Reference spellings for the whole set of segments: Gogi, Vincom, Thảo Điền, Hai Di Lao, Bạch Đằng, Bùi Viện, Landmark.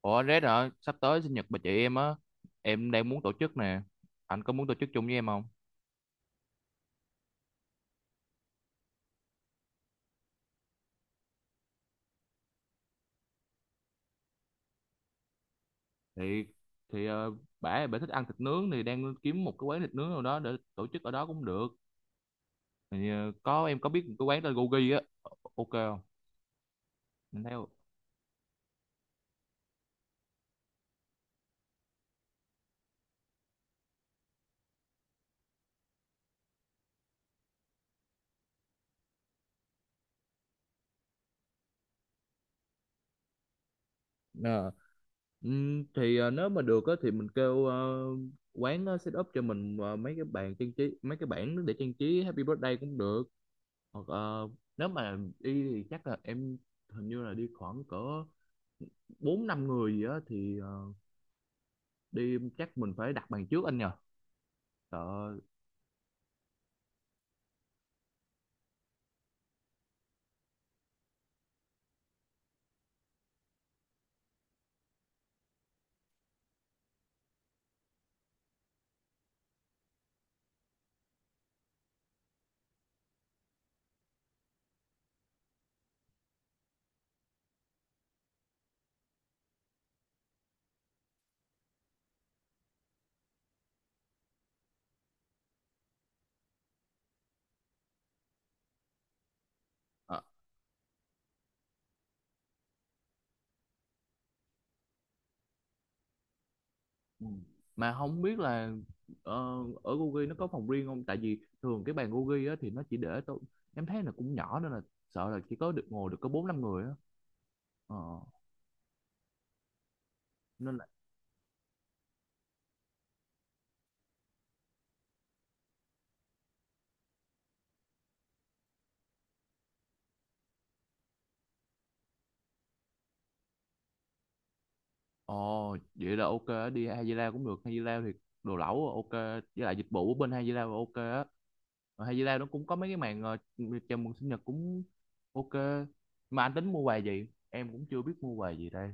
Ủa Red hả? Sắp tới sinh nhật bà chị em á, em đang muốn tổ chức nè. Anh có muốn tổ chức chung với em không? Thì thì ờ, bả bả thích ăn thịt nướng thì đang kiếm một cái quán thịt nướng nào đó để tổ chức ở đó cũng được. Có em có biết một cái quán tên Gogi á, ok không? Mình theo. Ờ. Nếu mà được á thì mình kêu quán, set up cho mình mấy cái bàn trang trí, mấy cái bảng để trang trí Happy Birthday cũng được. Hoặc nếu mà đi thì chắc là em hình như là đi khoảng cỡ bốn năm người gì á thì đi chắc mình phải đặt bàn trước anh nhờ, sợ. Ờ. Ừ. Mà không biết là ờ, ở Gogi nó có phòng riêng không, tại vì thường cái bàn Gogi á thì nó chỉ để tôi em thấy là cũng nhỏ, nên là sợ là chỉ có được ngồi được có bốn năm người á, ờ, nên là ồ vậy là ok á, đi Hai Di Lao cũng được. Hai Di Lao thì đồ lẩu ok, với lại dịch vụ ở bên Hai Di Lao là ok á. Ở Hai Di Lao nó cũng có mấy cái màn chào mừng sinh nhật cũng ok. Mà anh tính mua quà gì em cũng chưa biết mua quà gì đây.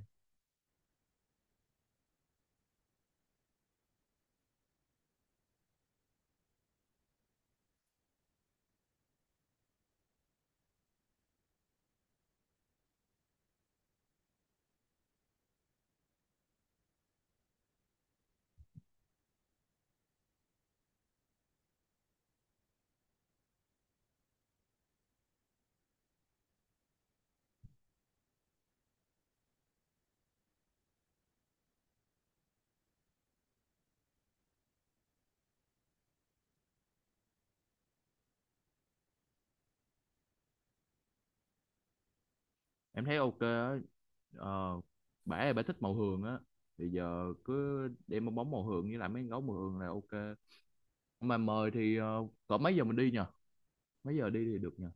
Em thấy ok á. ờ, Bả là bả thích màu hường á, thì giờ cứ đem bong bóng màu hường với lại mấy con gấu màu hường là ok. Mà mời thì cỡ mấy giờ mình đi nhờ, mấy giờ đi thì được nhờ?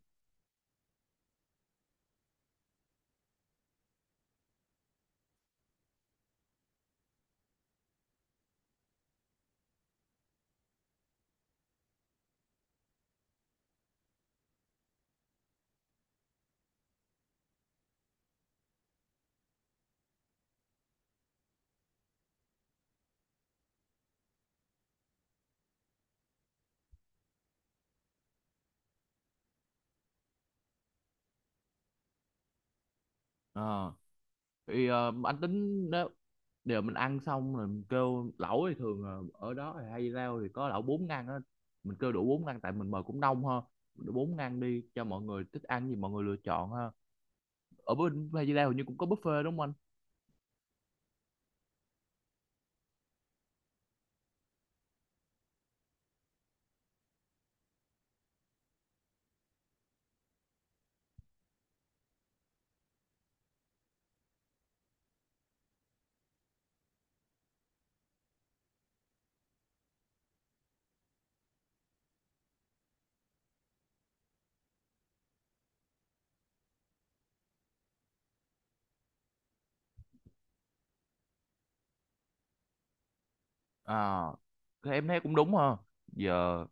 Ờ, thì anh tính nếu đều mình ăn xong rồi mình kêu lẩu thì thường là ở đó thì hay rau thì có lẩu bốn ngăn á, mình kêu đủ bốn ngăn tại mình mời cũng đông ha. Đủ bốn ngăn đi cho mọi người thích ăn gì mọi người lựa chọn ha. Ở bên Hay Di Lao hình như cũng có buffet đúng không anh? À, thì em thấy cũng đúng ha. Giờ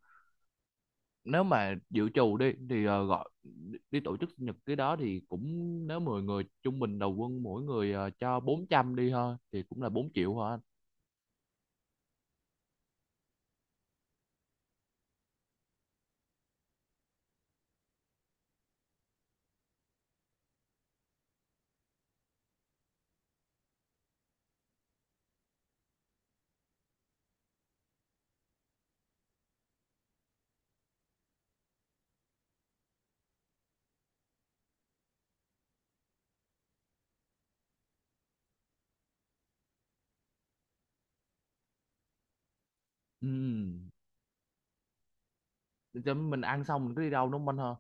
nếu mà dự trù đi thì gọi đi, tổ chức sinh nhật cái đó thì cũng, nếu 10 người trung bình đầu quân mỗi người cho 400 đi thôi thì cũng là 4 triệu hả anh? Ừ. Chứ mình ăn xong mình cứ đi đâu đúng không anh ha?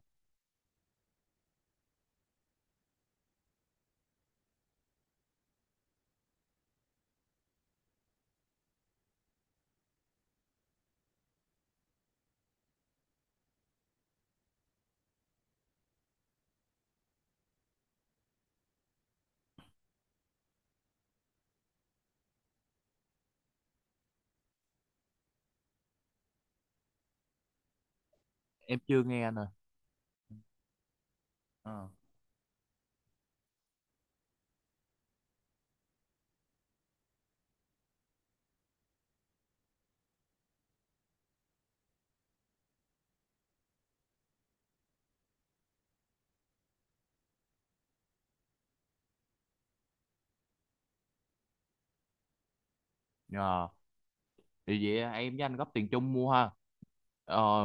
Em chưa nghe nè. À. Ờ. Ờ, thì vậy em với anh góp tiền chung mua ha. Ờ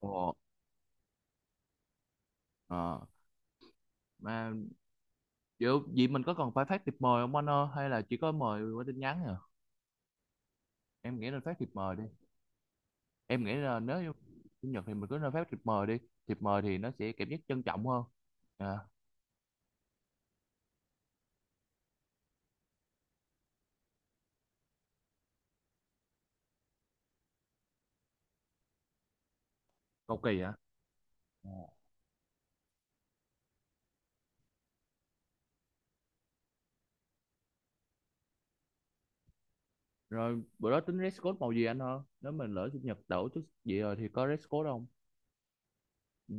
ồ, ờ Mà vậy, vậy mình có cần phải phát thiệp mời không anh ơi, hay là chỉ có mời qua tin nhắn? À, em nghĩ nên phát thiệp mời đi. Em nghĩ là nếu như chủ nhật thì mình cứ nên phát thiệp mời đi, thiệp mời thì nó sẽ cảm giác trân trọng hơn. à, Cầu kỳ hả? Ờ. Rồi bữa đó tính dress code màu gì anh hơn, nếu mình lỡ chủ nhật đổ chút gì rồi thì có dress code không? Ừ.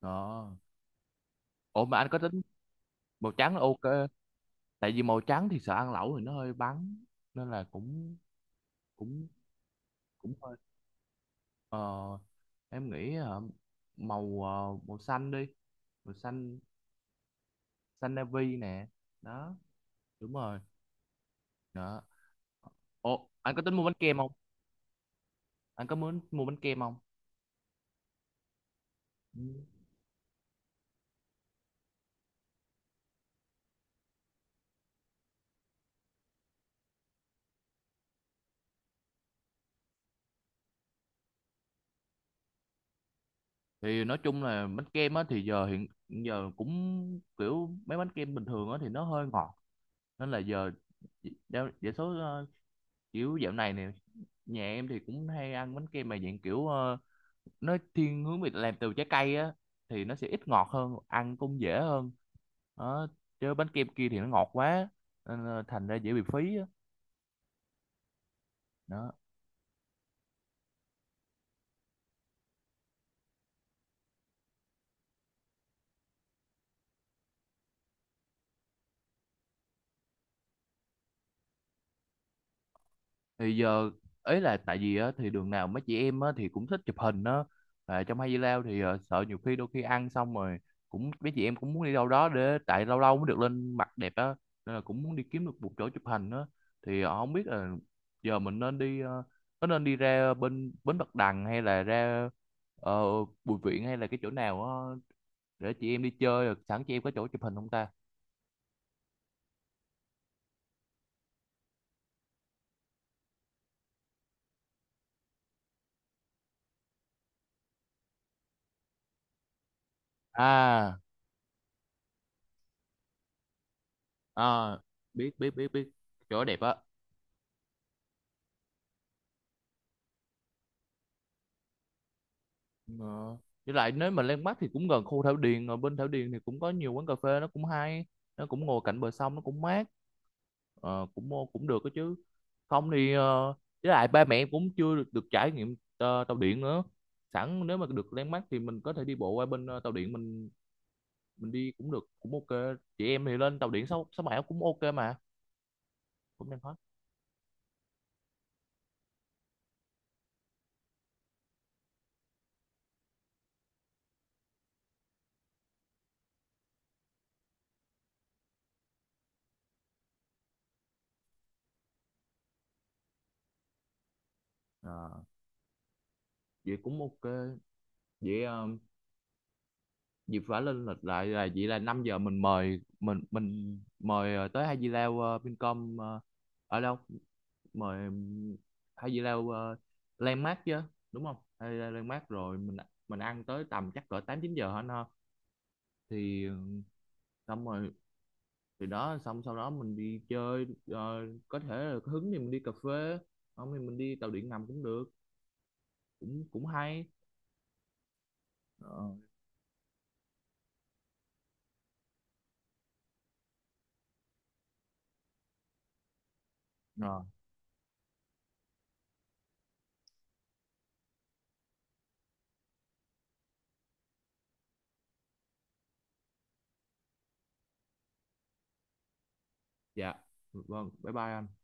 Đó. Ủa mà anh có tính màu trắng là ok. Tại vì màu trắng thì sợ ăn lẩu thì nó hơi bắn, nên là cũng cũng cũng hơi. ờ, em nghĩ màu, màu xanh đi, màu xanh, xanh navy nè. Đó, đúng rồi, đó. Ủa anh có tính mua bánh kem không, anh có muốn mua bánh kem không? Ừ. Thì nói chung là bánh kem á thì giờ hiện hiện giờ cũng kiểu mấy bánh kem bình thường á thì nó hơi ngọt, nên là giờ đa đa số, kiểu dạo này nè, nhà em thì cũng hay ăn bánh kem mà dạng kiểu nó thiên hướng về làm từ trái cây á, thì nó sẽ ít ngọt hơn, ăn cũng dễ hơn đó. Chứ bánh kem kia thì nó ngọt quá, nên là thành ra dễ bị phí á. Đó. Thì giờ ấy là tại vì á thì đường nào mấy chị em á thì cũng thích chụp hình á. À, trong Hay Đi Lao thì sợ nhiều khi đôi khi ăn xong rồi cũng mấy chị em cũng muốn đi đâu đó, để tại lâu lâu mới được lên mặt đẹp á, nên là cũng muốn đi kiếm được một chỗ chụp hình á. Thì không biết là giờ mình nên đi, có nên đi ra bên bến Bạch Đằng hay là ra ờ, Bùi Viện hay là cái chỗ nào á, để chị em đi chơi rồi sẵn chị em có chỗ chụp hình không ta? À, à, biết, biết, biết, biết. Chỗ đẹp á. Ờ. Với lại nếu mà Landmark mắt thì cũng gần khu Thảo Điền. Ở bên Thảo Điền thì cũng có nhiều quán cà phê, nó cũng hay, nó cũng ngồi cạnh bờ sông, nó cũng mát. Ờ, cũng cũng được đó chứ. Không thì với lại ba mẹ cũng chưa được, được trải nghiệm tàu điện nữa. Sẵn nếu mà được Landmark mắt thì mình có thể đi bộ qua bên tàu điện. Mình đi cũng được, cũng ok. Chị em thì lên tàu điện 667 cũng ok mà. Cũng đang hết. Ờ, vậy cũng ok. Vậy dịp vả lên lịch lại là vậy, là 5 giờ mình mời, mình mời tới Hai Di Lao, Vincom, ở đâu? Mời Hai Di Lao, Landmark chứ đúng không? Hai Di Lao Landmark. Rồi mình ăn tới tầm chắc cỡ 8 9 giờ hả nó. Thì xong rồi, thì đó, xong sau đó mình đi chơi, có thể là có hứng thì mình đi cà phê, không thì mình đi tàu điện ngầm cũng được, cũng cũng hay. Ờ, rồi dạ vâng, bye bye anh